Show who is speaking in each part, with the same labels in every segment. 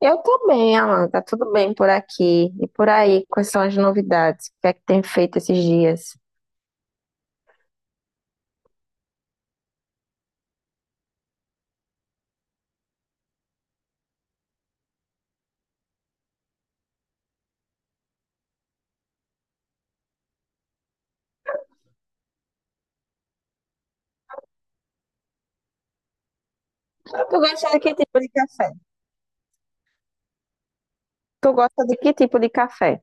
Speaker 1: Eu tô bem, Alan, tá tudo bem por aqui. E por aí, quais são as novidades? O que é que tem feito esses dias? Tu gosta de que tipo de café? Tu gosta de que tipo de café?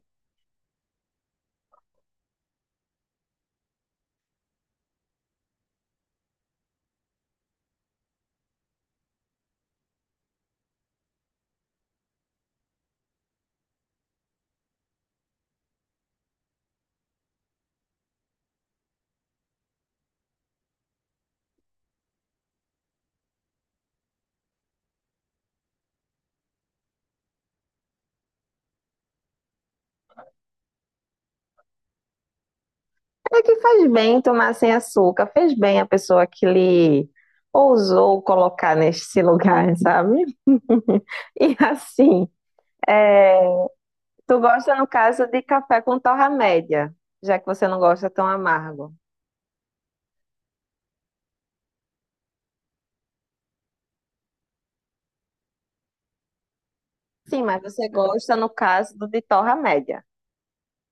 Speaker 1: É que faz bem tomar sem açúcar, fez bem a pessoa que lhe ousou colocar nesse lugar, sabe? E assim, é, tu gosta, no caso, de café com torra média, já que você não gosta tão amargo. Sim, mas você gosta, no caso, do de torra média.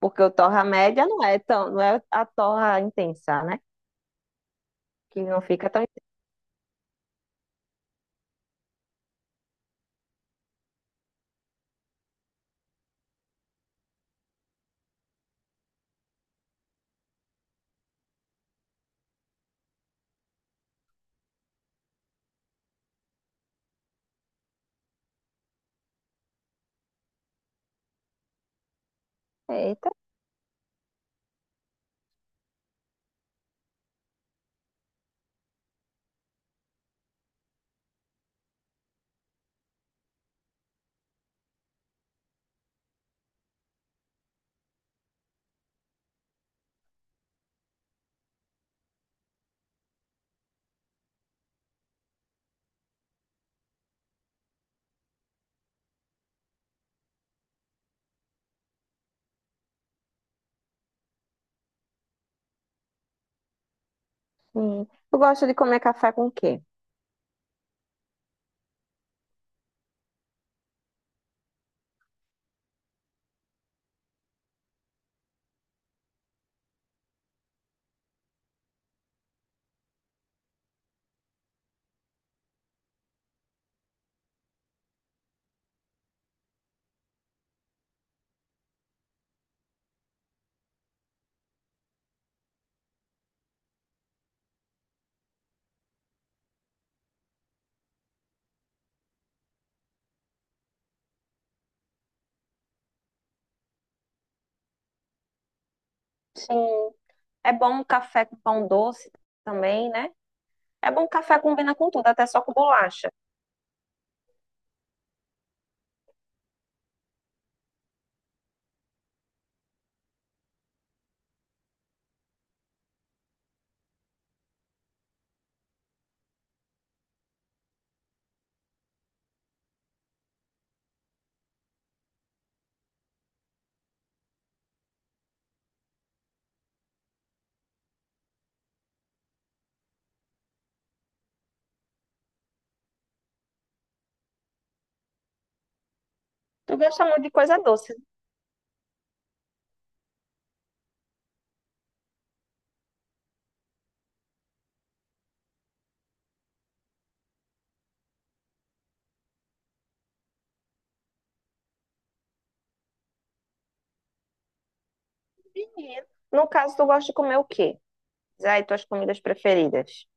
Speaker 1: Porque o torra média não é a torra intensa, né? Que não fica tão intensa. Eita, sim. Eu gosto de comer café com o quê? Sim. É bom um café com pão doce também, né? É bom, café combina com tudo, até só com bolacha. Tu gosta muito de coisa doce. Menino. No caso, tu gosta de comer o quê? Diz aí tuas comidas preferidas.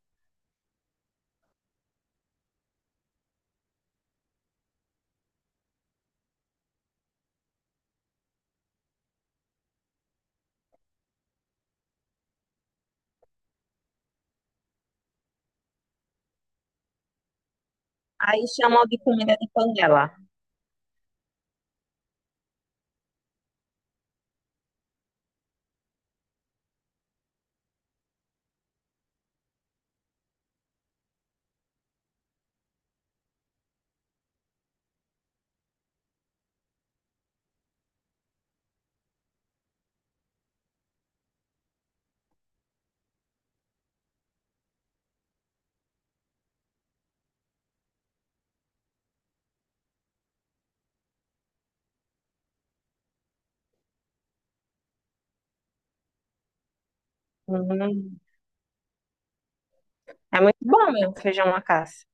Speaker 1: Aí chamam de comida de panela. Hum, é muito bom mesmo, feijão macaça.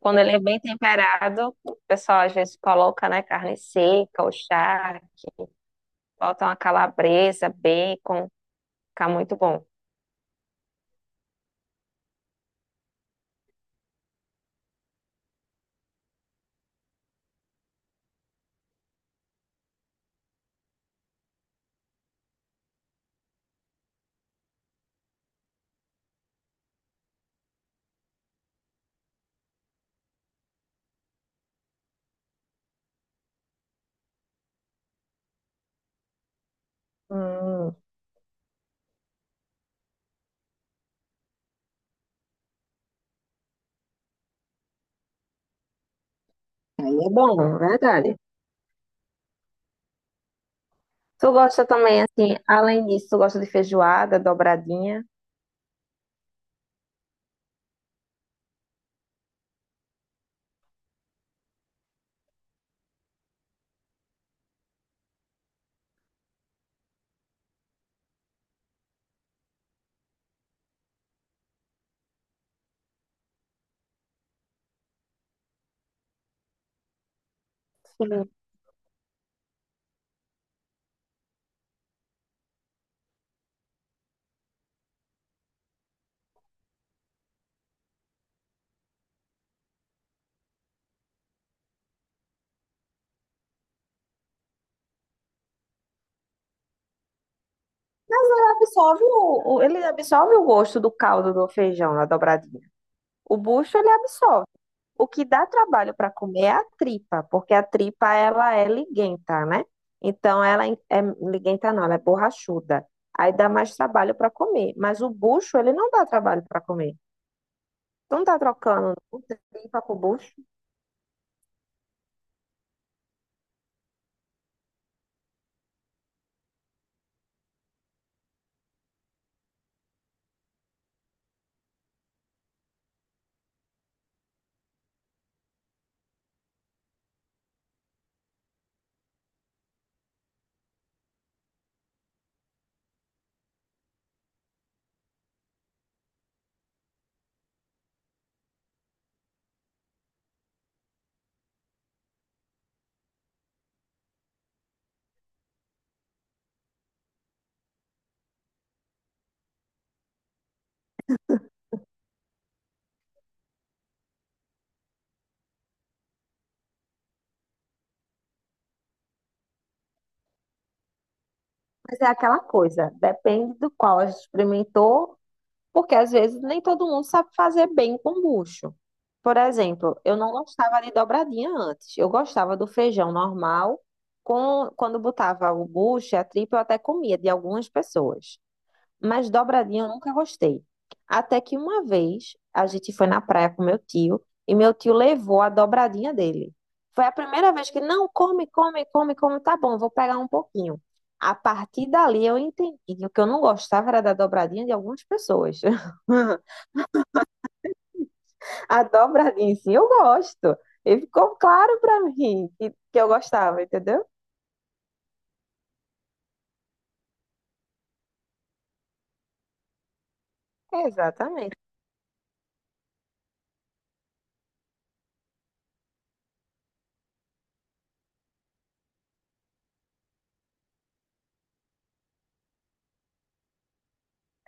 Speaker 1: Quando ele é bem temperado, o pessoal às vezes coloca, né, carne seca ou charque, bota uma calabresa, bacon, fica muito bom. Hum, aí é bom, é verdade. Tu gosta também, assim, além disso, tu gosta de feijoada, dobradinha? Sim. Mas ele absorve ele absorve o gosto do caldo do feijão na dobradinha. O bucho ele absorve. O que dá trabalho para comer é a tripa, porque a tripa ela é liguenta, né? Então ela é liguenta não, ela é borrachuda. Aí dá mais trabalho para comer, mas o bucho ele não dá trabalho para comer. Tu não tá trocando o tripa com o bucho, mas é aquela coisa, depende do qual a gente experimentou. Porque às vezes nem todo mundo sabe fazer bem com bucho. Por exemplo, eu não gostava de dobradinha antes. Eu gostava do feijão normal, com, quando botava o bucho e a tripa, eu até comia de algumas pessoas. Mas dobradinha eu nunca gostei. Até que uma vez a gente foi na praia com meu tio e meu tio levou a dobradinha dele. Foi a primeira vez que, não, come, come, come, come, tá bom, vou pegar um pouquinho. A partir dali eu entendi que o que eu não gostava era da dobradinha de algumas pessoas. A dobradinha em si eu gosto. E ficou claro pra mim que eu gostava, entendeu? Exatamente.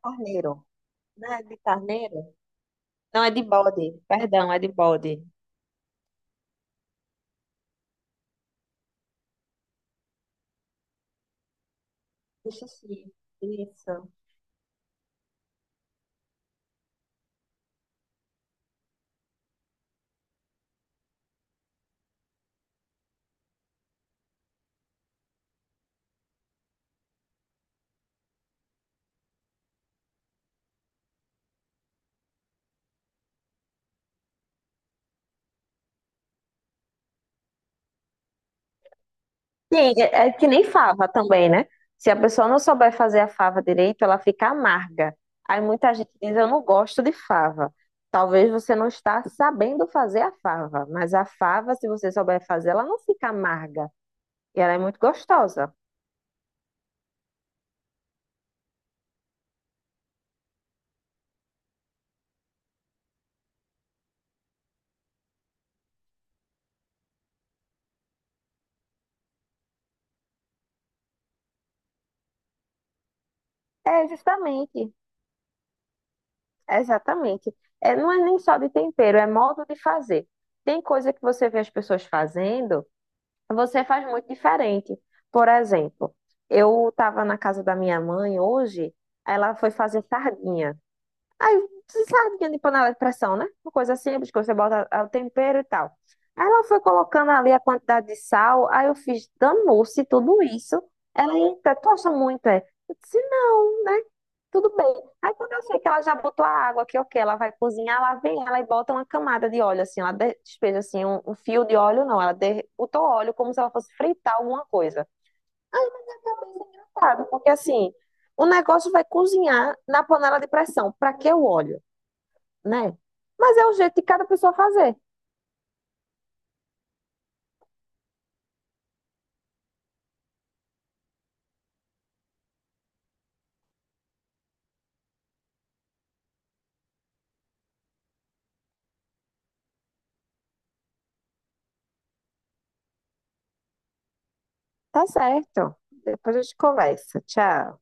Speaker 1: Carneiro, né? De carneiro? Não, é de bode. Perdão, é de bode. Xixi. Isso. Sim, é que nem fava também, né? Se a pessoa não souber fazer a fava direito, ela fica amarga. Aí muita gente diz, eu não gosto de fava. Talvez você não está sabendo fazer a fava, mas a fava, se você souber fazer, ela não fica amarga. E ela é muito gostosa. É, justamente, exatamente. É, não é nem só de tempero, é modo de fazer. Tem coisa que você vê as pessoas fazendo, você faz muito diferente. Por exemplo, eu estava na casa da minha mãe hoje, ela foi fazer sardinha. Aí, você sabe que é de panela de pressão, né? Uma coisa simples que você bota ah, o tempero e tal. Aí ela foi colocando ali a quantidade de sal, aí eu fiz, danou-se tudo isso. Ela, eita, tu acha muito, é? Eu disse, não, né? Tudo bem. Aí quando eu sei que ela já botou a água, que ok, ela vai cozinhar, lá vem ela e bota uma camada de óleo, assim, ela despeja, assim, um fio de óleo, não, ela botou óleo como se ela fosse fritar alguma coisa. Sabe? Porque assim, o negócio vai cozinhar na panela de pressão. Pra que o óleo? Né? Mas é um jeito de cada pessoa fazer. Tá certo. Depois a gente conversa. Tchau.